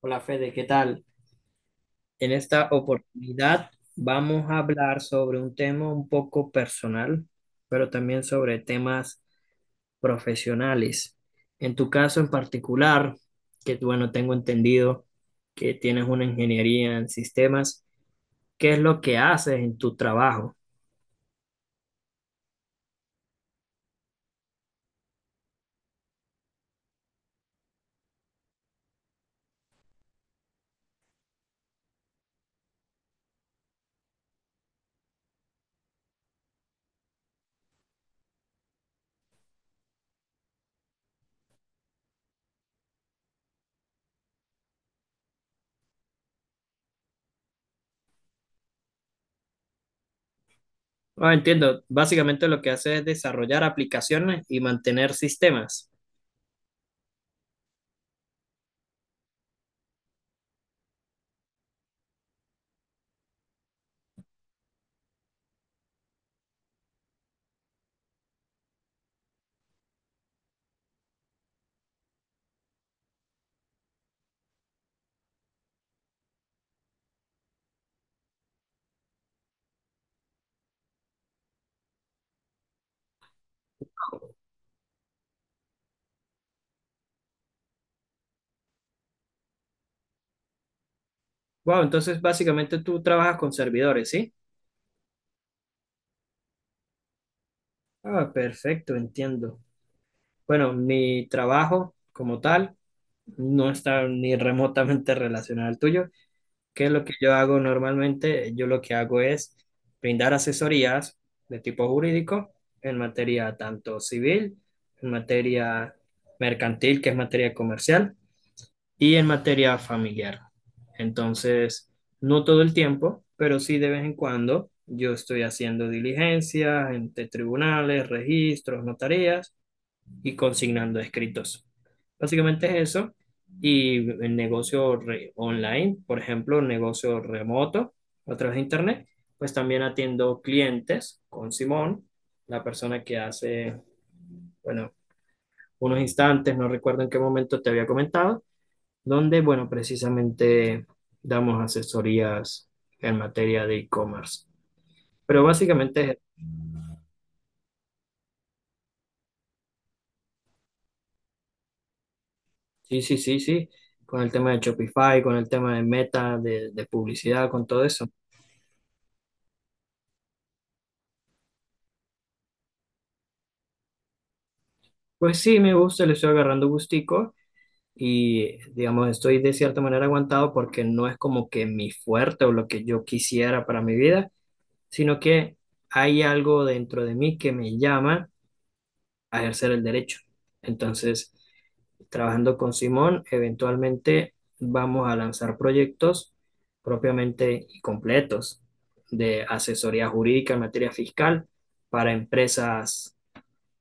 Hola Fede, ¿qué tal? En esta oportunidad vamos a hablar sobre un tema un poco personal, pero también sobre temas profesionales. En tu caso en particular, que bueno, tengo entendido que tienes una ingeniería en sistemas, ¿qué es lo que haces en tu trabajo? Ah, entiendo, básicamente lo que haces es desarrollar aplicaciones y mantener sistemas. Wow, entonces básicamente tú trabajas con servidores, ¿sí? Ah, perfecto, entiendo. Bueno, mi trabajo como tal no está ni remotamente relacionado al tuyo. ¿Qué es lo que yo hago normalmente? Yo lo que hago es brindar asesorías de tipo jurídico en materia tanto civil, en materia mercantil, que es materia comercial, y en materia familiar. Entonces, no todo el tiempo, pero sí de vez en cuando yo estoy haciendo diligencias entre tribunales, registros, notarías y consignando escritos. Básicamente es eso. Y el negocio online, por ejemplo, negocio remoto a través de internet, pues también atiendo clientes con Simón, la persona que hace, bueno, unos instantes, no recuerdo en qué momento te había comentado, donde, bueno, precisamente damos asesorías en materia de e-commerce. Pero básicamente, sí, sí, sí, sí, con el tema de Shopify, con el tema de Meta, de publicidad, con todo eso. Pues sí, me gusta, le estoy agarrando gustico y digamos, estoy de cierta manera aguantado porque no es como que mi fuerte o lo que yo quisiera para mi vida, sino que hay algo dentro de mí que me llama a ejercer el derecho. Entonces, trabajando con Simón, eventualmente vamos a lanzar proyectos propiamente y completos de asesoría jurídica en materia fiscal para empresas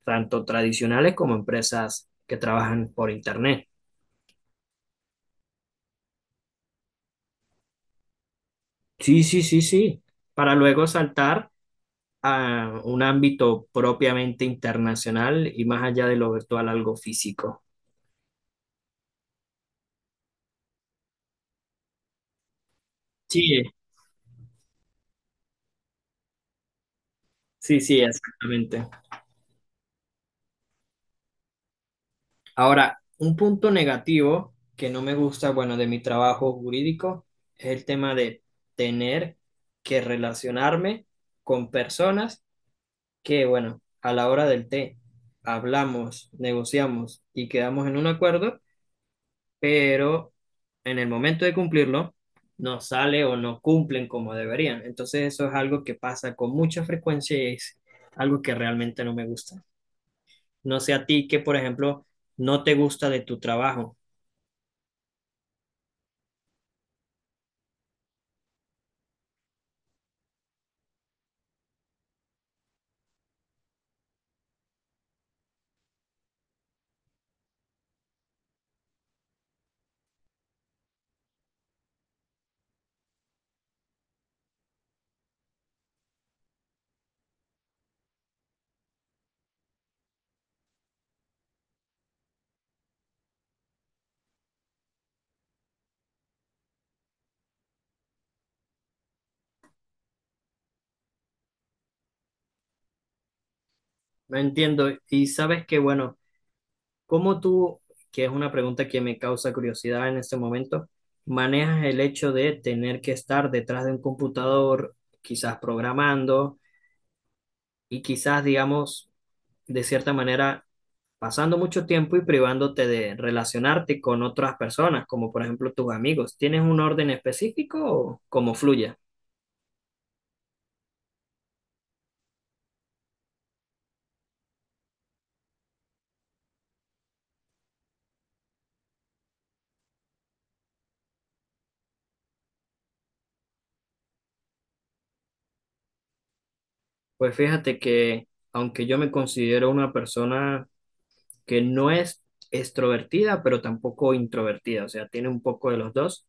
tanto tradicionales como empresas que trabajan por Internet. Sí, sí, sí, sí, para luego saltar a un ámbito propiamente internacional y más allá de lo virtual, algo físico. Sí, sí, sí, exactamente. Ahora, un punto negativo que no me gusta, bueno, de mi trabajo jurídico es el tema de tener que relacionarme con personas que, bueno, a la hora del té hablamos, negociamos y quedamos en un acuerdo, pero en el momento de cumplirlo no sale o no cumplen como deberían. Entonces eso es algo que pasa con mucha frecuencia y es algo que realmente no me gusta. No sé a ti que, por ejemplo, no te gusta de tu trabajo. No entiendo. Y sabes que, bueno, ¿cómo tú, que es una pregunta que me causa curiosidad en este momento, manejas el hecho de tener que estar detrás de un computador, quizás programando y quizás, digamos, de cierta manera, pasando mucho tiempo y privándote de relacionarte con otras personas, como por ejemplo tus amigos? ¿Tienes un orden específico o cómo fluye? Pues fíjate que, aunque yo me considero una persona que no es extrovertida, pero tampoco introvertida, o sea, tiene un poco de los dos.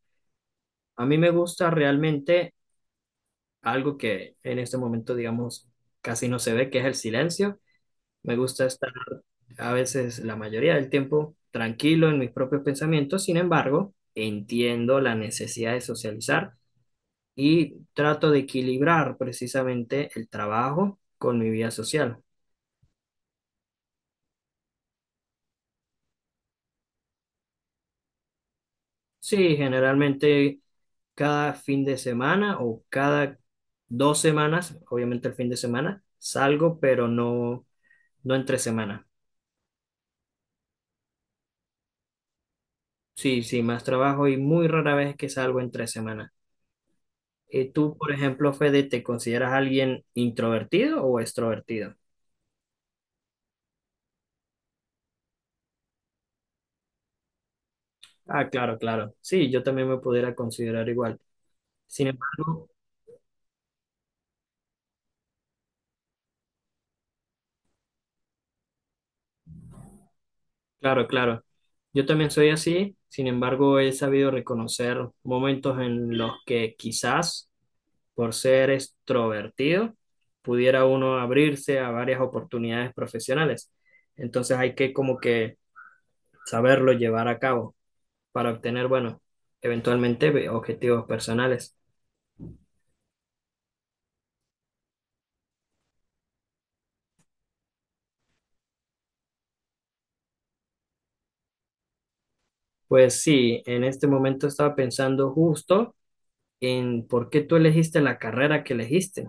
A mí me gusta realmente algo que en este momento, digamos, casi no se ve, que es el silencio. Me gusta estar a veces la mayoría del tiempo tranquilo en mis propios pensamientos. Sin embargo, entiendo la necesidad de socializar y trato de equilibrar precisamente el trabajo con mi vida social. Sí, generalmente cada fin de semana o cada 2 semanas, obviamente el fin de semana, salgo, pero no, no entre semana. Sí, sí, más trabajo y muy rara vez que salgo en 3 semanas. Tú, por ejemplo, Fede, ¿te consideras alguien introvertido o extrovertido? Ah, claro, claro. Sí, yo también me pudiera considerar igual. Sin embargo, claro, claro. Yo también soy así, sin embargo, he sabido reconocer momentos en los que quizás, por ser extrovertido, pudiera uno abrirse a varias oportunidades profesionales. Entonces hay que como que saberlo llevar a cabo para obtener, bueno, eventualmente objetivos personales. Pues sí, en este momento estaba pensando justo en por qué tú elegiste la carrera que elegiste.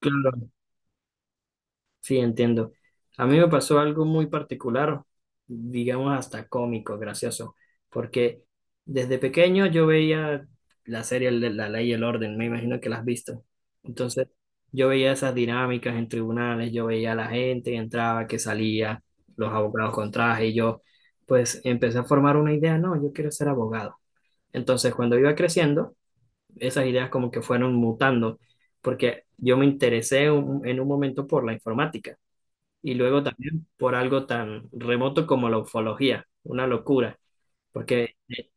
Claro, sí, entiendo. A mí me pasó algo muy particular, digamos hasta cómico, gracioso, porque desde pequeño yo veía la serie de La Ley y el Orden, me imagino que la has visto. Entonces, yo veía esas dinámicas en tribunales, yo veía a la gente que entraba, que salía, los abogados con traje, y yo pues empecé a formar una idea, no, yo quiero ser abogado. Entonces, cuando iba creciendo, esas ideas como que fueron mutando, porque yo me interesé en un momento por la informática. Y luego también por algo tan remoto como la ufología, una locura, porque de,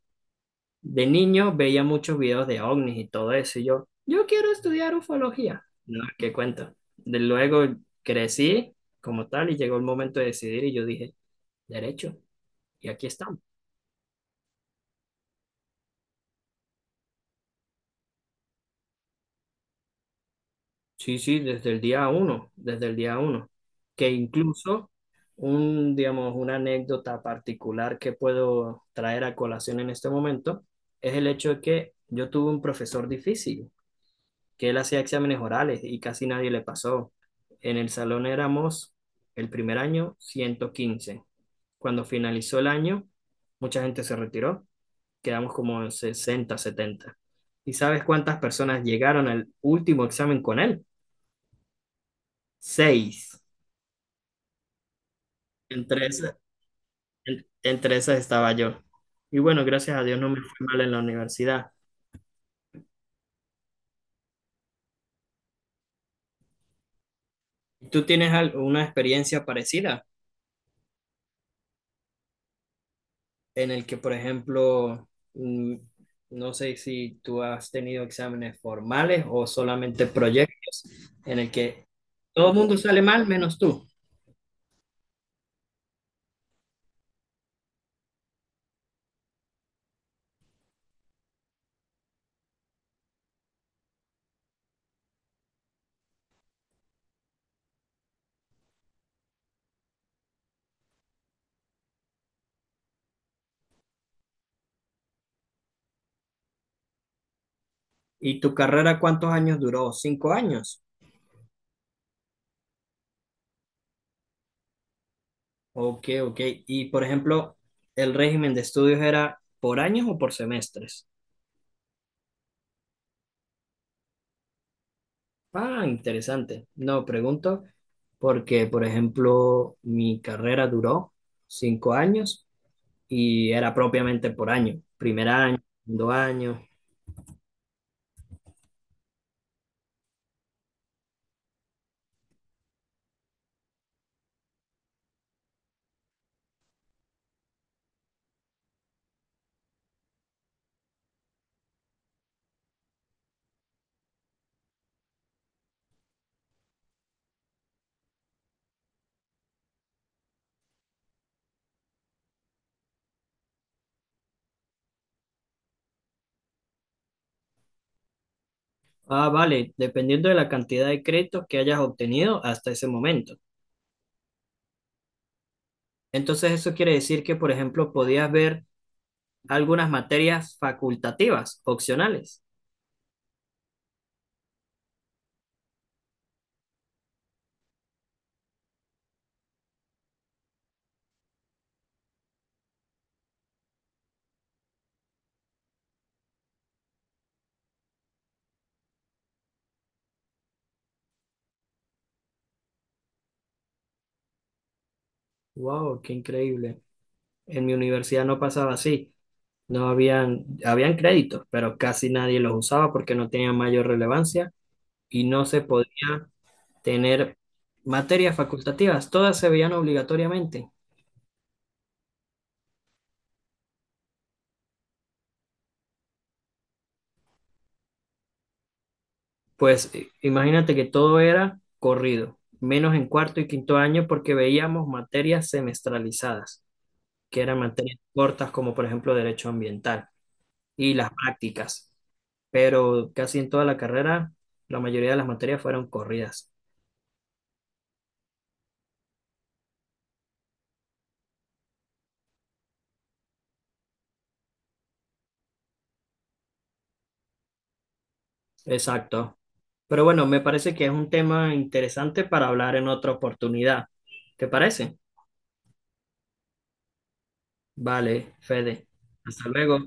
de niño veía muchos videos de ovnis y todo eso, y yo quiero estudiar ufología. No, qué cuento. De luego crecí como tal y llegó el momento de decidir y yo dije, derecho, y aquí estamos. Sí, sí, desde el día uno, desde el día uno. Que incluso digamos, una anécdota particular que puedo traer a colación en este momento es el hecho de que yo tuve un profesor difícil, que él hacía exámenes orales y casi nadie le pasó. En el salón éramos el primer año 115. Cuando finalizó el año, mucha gente se retiró, quedamos como en 60, 70. ¿Y sabes cuántas personas llegaron al último examen con él? Seis. Entre esas, entre esas estaba yo. Y bueno, gracias a Dios no me fue mal en la universidad. ¿Tú tienes una experiencia parecida en el que, por ejemplo, mm, no sé si tú has tenido exámenes formales o solamente proyectos en el que todo el mundo sale mal menos tú? ¿Y tu carrera cuántos años duró? ¿5 años? Ok, ok. Y, por ejemplo, ¿el régimen de estudios era por años o por semestres? Ah, interesante. No, pregunto porque, por ejemplo, mi carrera duró 5 años y era propiamente por año, primer año, segundo año. Ah, vale, dependiendo de la cantidad de créditos que hayas obtenido hasta ese momento. Entonces, eso quiere decir que, por ejemplo, podías ver algunas materias facultativas, opcionales. Wow, qué increíble. En mi universidad no pasaba así. No habían, habían créditos, pero casi nadie los usaba porque no tenían mayor relevancia y no se podía tener materias facultativas, todas se veían obligatoriamente. Pues imagínate que todo era corrido, menos en cuarto y quinto año porque veíamos materias semestralizadas, que eran materias cortas como por ejemplo derecho ambiental y las prácticas. Pero casi en toda la carrera la mayoría de las materias fueron corridas. Exacto. Pero bueno, me parece que es un tema interesante para hablar en otra oportunidad. ¿Te parece? Vale, Fede. Hasta luego.